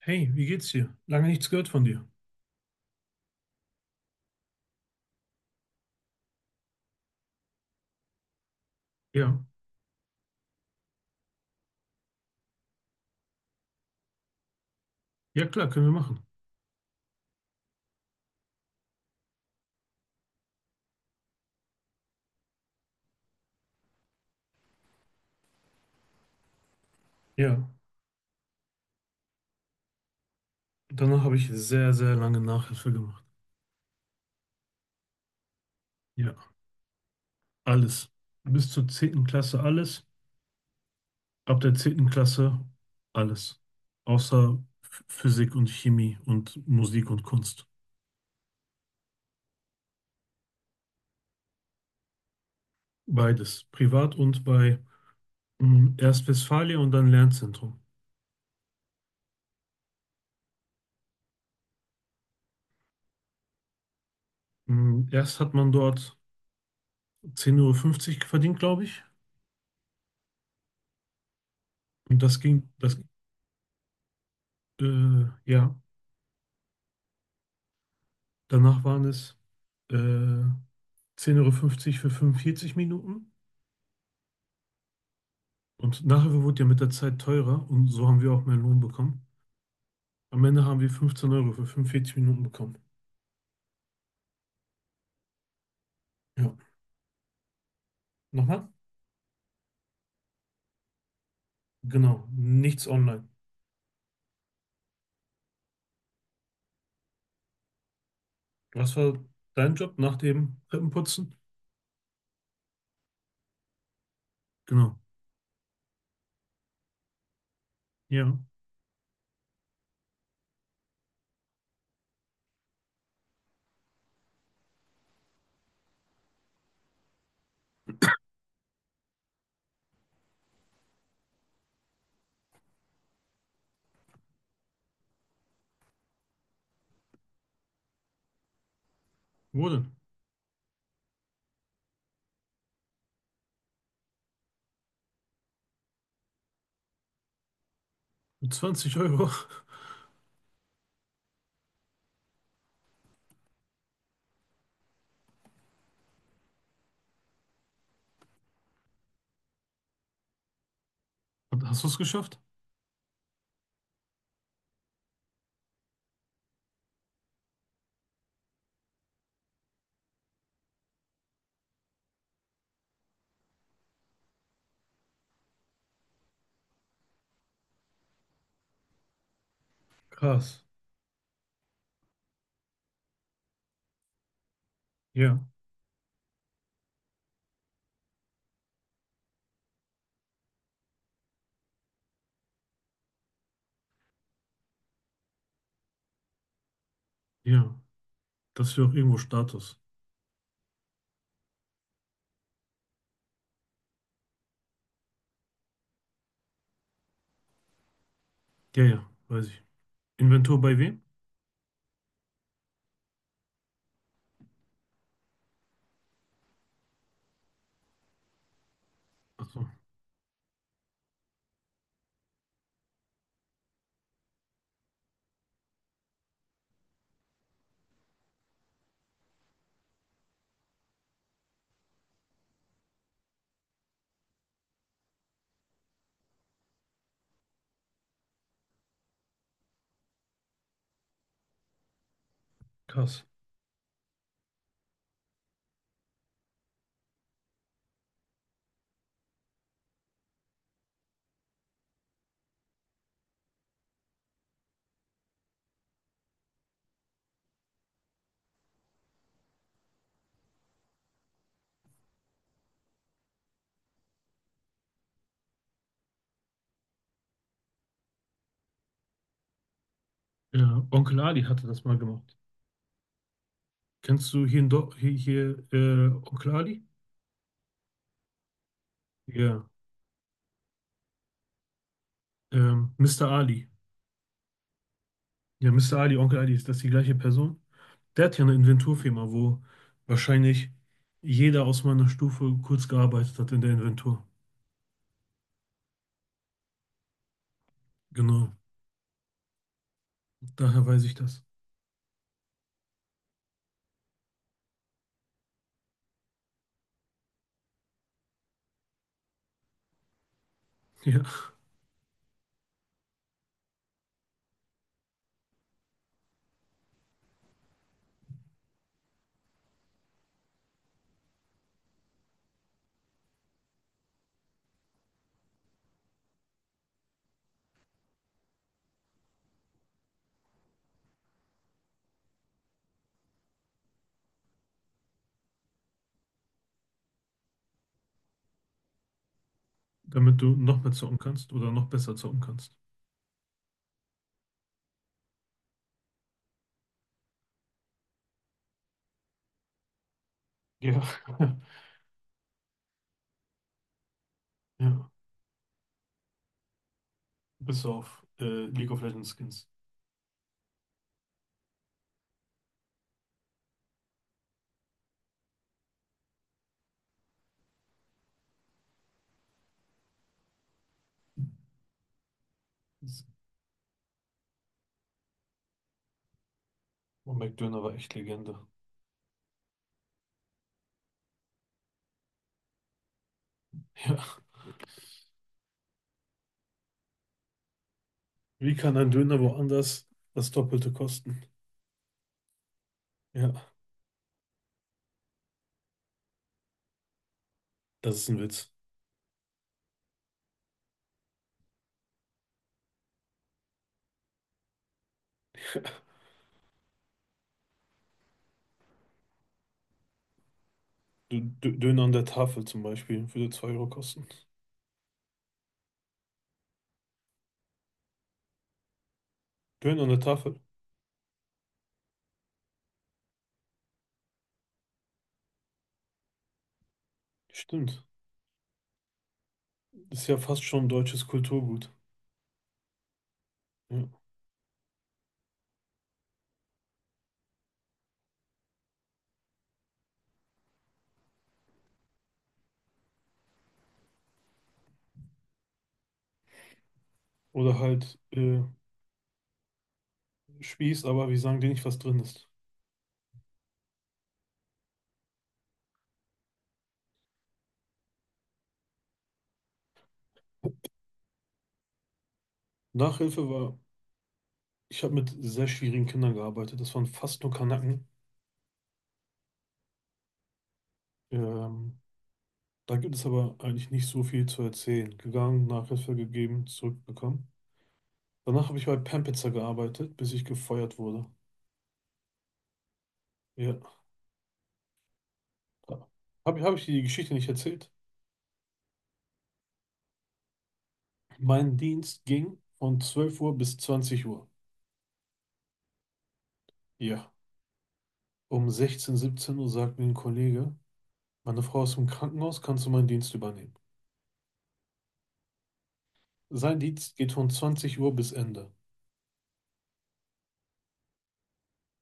Hey, wie geht's dir? Lange nichts gehört von dir. Ja, ja klar, können wir machen. Ja, danach habe ich sehr, sehr lange Nachhilfe gemacht. Ja, alles. Bis zur 10. Klasse alles. Ab der 10. Klasse alles. Außer Physik und Chemie und Musik und Kunst. Beides. Privat und bei erst Westfalia und dann Lernzentrum. Erst hat man dort 10,50 Uhr verdient, glaube ich. Und das ging, ja, danach waren es äh, 10,50 € für 45 Minuten. Und nachher wurde ja mit der Zeit teurer und so haben wir auch mehr Lohn bekommen. Am Ende haben wir 15 € für 45 Minuten bekommen. Ja. Nochmal? Genau. Nichts online. Was war dein Job nach dem Treppenputzen? Genau. Ja. Wo denn? Mit 20 Euro. Und hast du es geschafft? Krass. Ja. Ja. Das ist ja auch irgendwo Status. Ja, ja. Weiß ich. Inventur bei wem? Ach so. Krass. Ja. Onkel Ali hatte das mal gemacht. Kennst du hier in Do hier Onkel Ali? Ja. Mr. Ali. Ja, Mister Ali, Onkel Ali, ist das die gleiche Person? Der hat ja eine Inventurfirma, wo wahrscheinlich jeder aus meiner Stufe kurz gearbeitet hat in der Inventur. Genau, daher weiß ich das. Ja, damit du noch mehr zocken kannst oder noch besser zocken kannst. Ja, ja. Bis auf League of Legends Skins. Und McDöner war echt Legende. Ja. Wie kann ein Döner woanders das Doppelte kosten? Ja. Das ist ein Witz. Döner an der Tafel zum Beispiel würde 2 Euro kosten. Döner an der Tafel. Stimmt. Ist ja fast schon deutsches Kulturgut. Ja. Oder halt Spieß, aber wir sagen dir nicht, was drin ist. Nachhilfe war, ich habe mit sehr schwierigen Kindern gearbeitet. Das waren fast nur Kanaken. Ähm, da gibt es aber eigentlich nicht so viel zu erzählen. Gegangen, Nachhilfe gegeben, zurückbekommen. Danach habe ich bei Pampitzer gearbeitet, bis ich gefeuert wurde. Ja. Habe hab ich die Geschichte nicht erzählt? Mein Dienst ging von 12 Uhr bis 20 Uhr. Ja. Um 16, 17 Uhr sagt mir ein Kollege, meine Frau ist im Krankenhaus, kannst du meinen Dienst übernehmen? Sein Dienst geht von 20 Uhr bis Ende.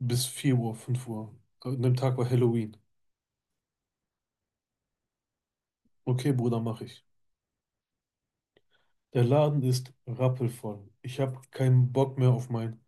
Bis 4 Uhr, 5 Uhr. An dem Tag war Halloween. Okay, Bruder, mache ich. Der Laden ist rappelvoll. Ich habe keinen Bock mehr auf mein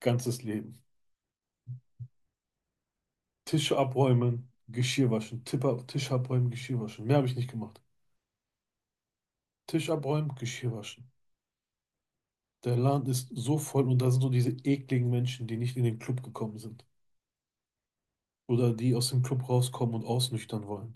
ganzes Leben. Tische abräumen, Geschirr waschen. Tipper, Tisch abräumen, Geschirr waschen. Mehr habe ich nicht gemacht. Tisch abräumen, Geschirr waschen. Der Laden ist so voll und da sind so diese ekligen Menschen, die nicht in den Club gekommen sind. Oder die aus dem Club rauskommen und ausnüchtern wollen.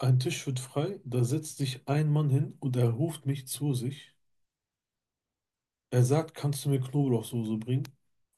Ein Tisch wird frei, da setzt sich ein Mann hin und er ruft mich zu sich. Er sagt, kannst du mir Knoblauchsoße bringen?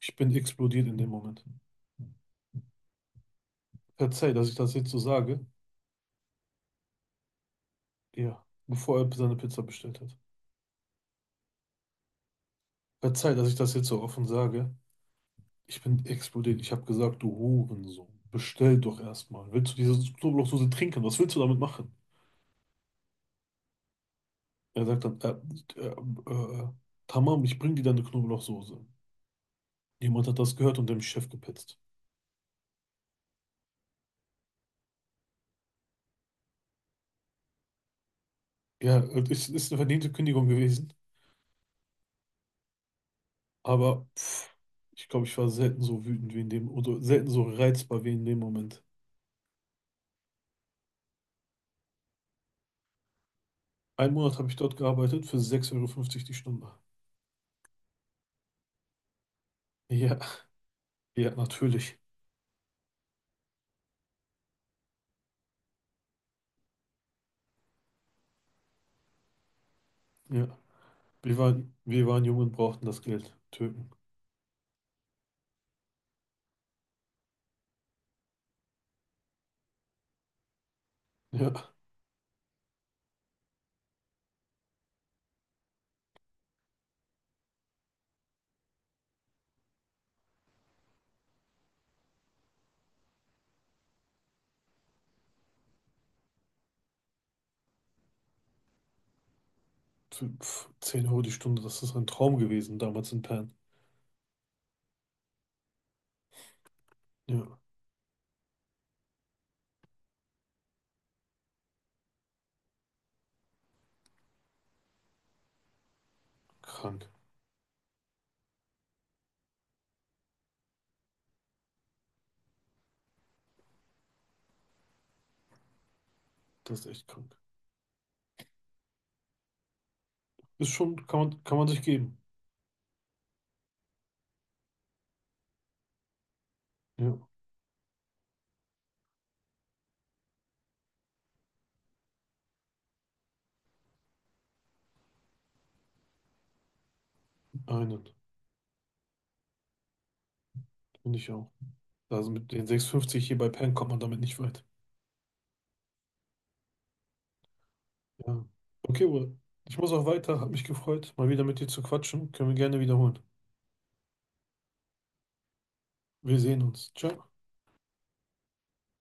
Ich bin explodiert in dem Moment. Verzeih, dass ich das jetzt so sage. Ja, bevor er seine Pizza bestellt hat. Verzeih, dass ich das jetzt so offen sage. Ich bin explodiert. Ich habe gesagt, du Hurensohn. Bestell doch erstmal. Willst du diese Knoblauchsoße trinken? Was willst du damit machen? Er sagt dann, tamam, ich bring dir deine Knoblauchsoße. Jemand hat das gehört und dem Chef gepetzt. Ja, es ist eine verdiente Kündigung gewesen, aber pff, ich glaube, ich war selten so wütend wie in dem, oder selten so reizbar wie in dem Moment. Einen Monat habe ich dort gearbeitet für 6,50 € die Stunde. Ja, ja, natürlich. Ja, wir waren jung und brauchten das Geld. Türken. Ja, für, pff, 10 Euro die Stunde, das ist ein Traum gewesen damals in Pan. Ja, krank. Das ist echt krank. Ist schon, kann man sich geben. Ja, einen, finde ich auch. Also mit den 6,50 hier bei Penn kommt man damit nicht weit. Ja. Okay, Uwe. Ich muss auch weiter. Hat mich gefreut, mal wieder mit dir zu quatschen. Können wir gerne wiederholen. Wir sehen uns. Ciao.